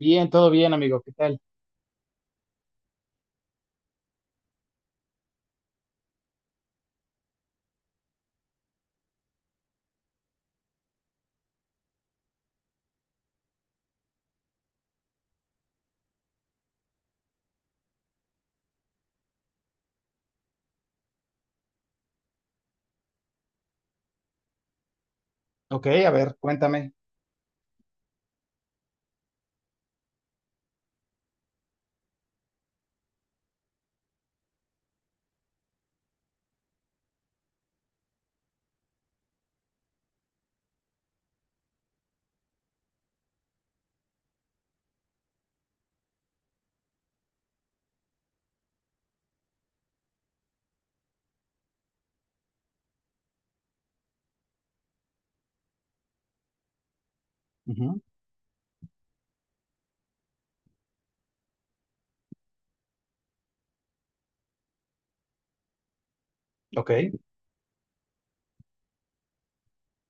Bien, todo bien, amigo. ¿Qué tal? Ok, a ver, cuéntame. Ujú, ok,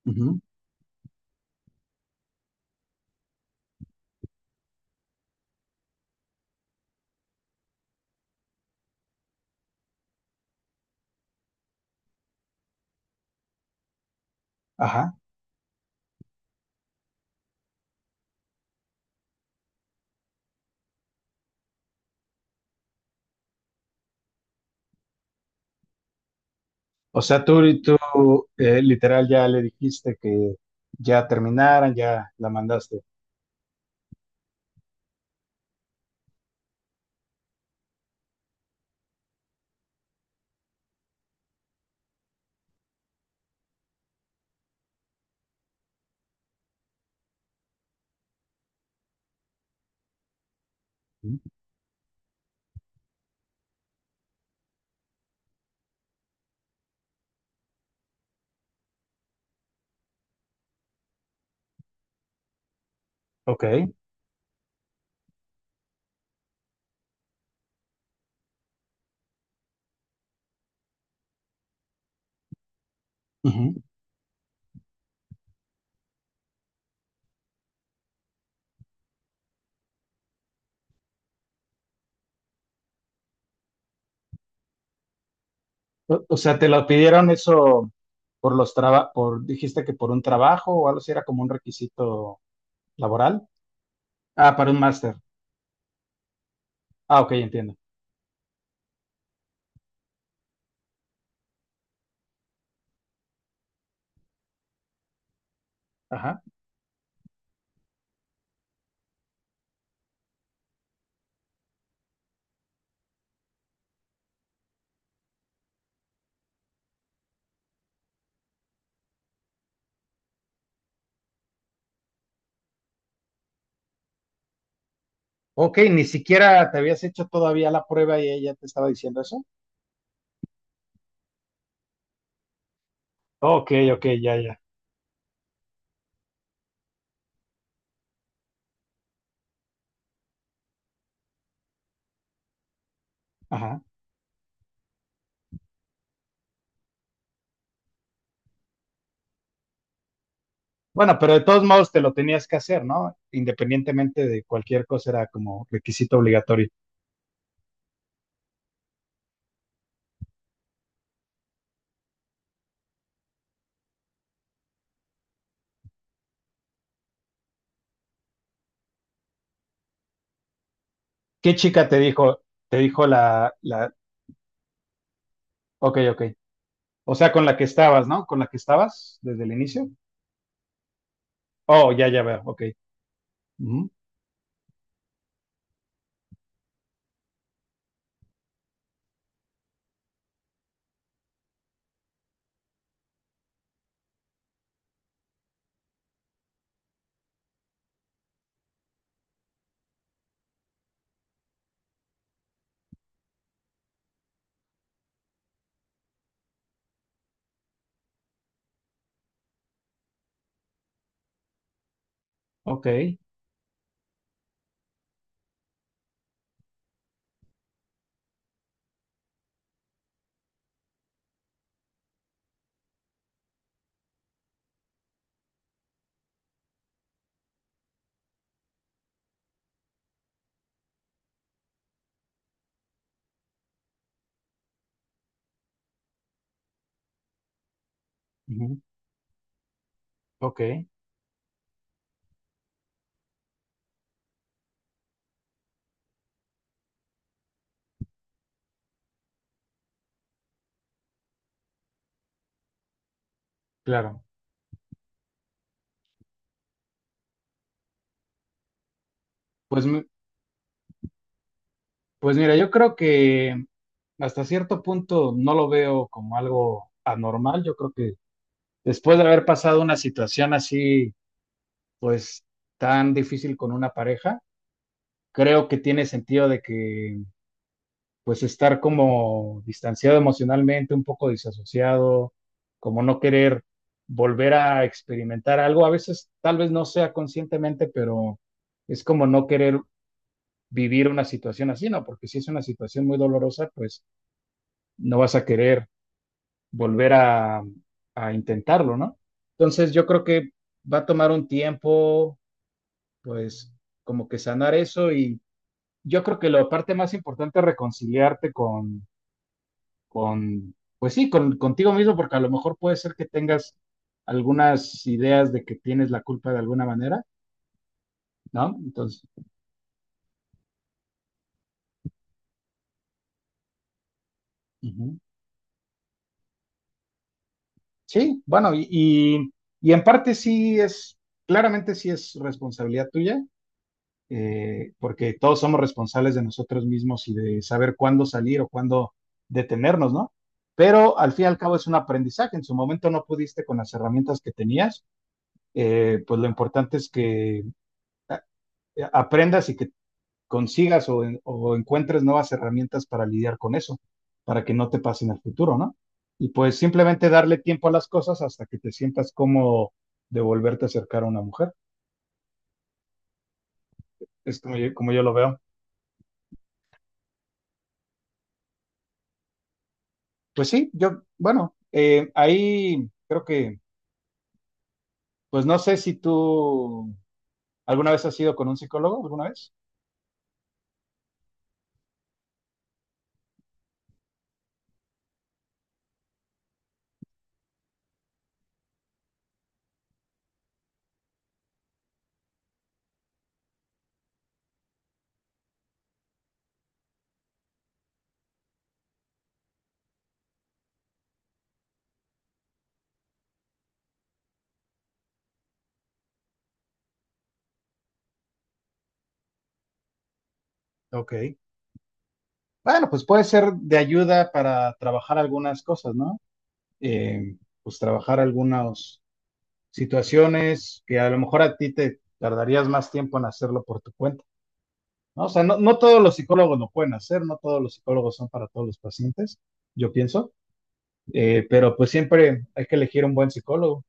ujú, ajá. O sea, tú literal ya le dijiste que ya terminaran, ya la mandaste. Ujú, ok, ujú. O sea, te lo pidieron eso por los trabajos, por, dijiste que por un trabajo o algo así era como un requisito laboral. Ah, para un máster. Ah, ok, entiendo. Ajá. Ok, ni siquiera te habías hecho todavía la prueba y ella te estaba diciendo eso. Ok, ok, ya, ya. Ajá. Bueno, pero de todos modos te lo tenías que hacer, ¿no? Independientemente de cualquier cosa, era como requisito obligatorio. ¿Qué chica te dijo? Te dijo ok, ok. O sea, con la que estabas, ¿no? Con la que estabas desde el inicio. Oh, ya, ya veo, ok. Ujú, ok, ujú, ok, claro. Pues, mi- pues mira, yo creo que hasta cierto punto no lo veo como algo anormal. Yo creo que después de haber pasado una situación así, pues tan difícil con una pareja, creo que tiene sentido de que pues estar como distanciado emocionalmente, un poco disasociado, como no querer volver a experimentar algo, a veces tal vez no sea conscientemente, pero es como no querer vivir una situación así, ¿no? Porque si es una situación muy dolorosa, pues no vas a querer volver a intentarlo, ¿no? Entonces yo creo que va a tomar un tiempo, pues como que sanar eso. Y yo creo que la parte más importante es reconciliarte con pues sí, con, contigo mismo, porque a lo mejor puede ser que tengas algunas ideas de que tienes la culpa de alguna manera, ¿no? Entonces, ujú. Sí, bueno, y en parte sí es, claramente sí es responsabilidad tuya, porque todos somos responsables de nosotros mismos y de saber cuándo salir o cuándo detenernos, ¿no? Pero al fin y al cabo es un aprendizaje. En su momento no pudiste con las herramientas que tenías, pues lo importante es que aprendas y que consigas o encuentres nuevas herramientas para lidiar con eso, para que no te pase en el futuro, ¿no? Y pues simplemente darle tiempo a las cosas hasta que te sientas cómodo de volverte a acercar a una mujer. Es como yo lo veo. Pues sí, yo, bueno, ahí creo que, pues no sé si tú alguna vez has ido con un psicólogo, alguna vez. Ok. Bueno, pues puede ser de ayuda para trabajar algunas cosas, ¿no? eh, pues trabajar algunas situaciones que a lo mejor a ti te tardarías más tiempo en hacerlo por tu cuenta. ¿No? O sea, no, no todos los psicólogos lo pueden hacer, no todos los psicólogos son para todos los pacientes, yo pienso, pero pues siempre hay que elegir un buen psicólogo.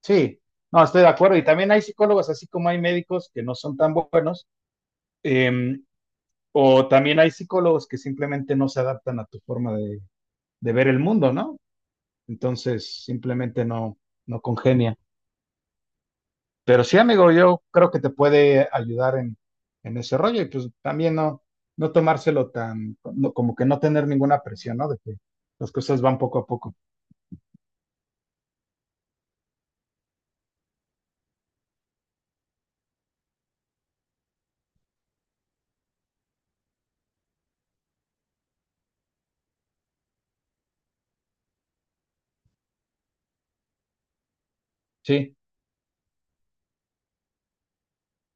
Sí, no, estoy de acuerdo. Y también hay psicólogos, así como hay médicos que no son tan buenos, eh, o también hay psicólogos que simplemente no se adaptan a tu forma de ver el mundo, ¿no? Entonces, simplemente no, no congenia. Pero sí, amigo, yo creo que te puede ayudar en ese rollo. Y pues también no, no tomárselo tan, como que no tener ninguna presión, ¿no? De que las cosas van poco a poco. Sí,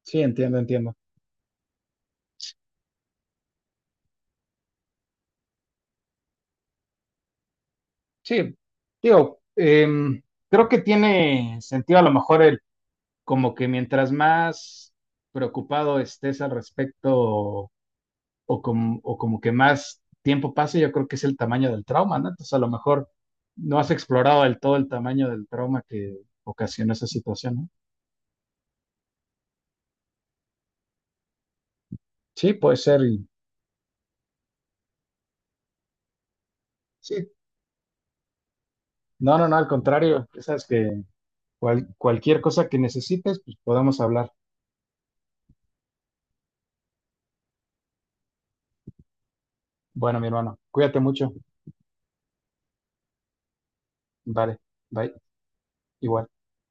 sí, entiendo, entiendo. Sí, digo, creo que tiene sentido a lo mejor el, como que mientras más preocupado estés al respecto o como que más tiempo pase, yo creo que es el tamaño del trauma, ¿no? Entonces a lo mejor no has explorado del todo el tamaño del trauma que ocasiona esa situación, ¿no? Sí, puede ser. Sí, no, no, no, al contrario. Ya sabes que cualquier cosa que necesites, pues podemos hablar. Bueno, mi hermano, cuídate mucho. Vale, bye. Igual.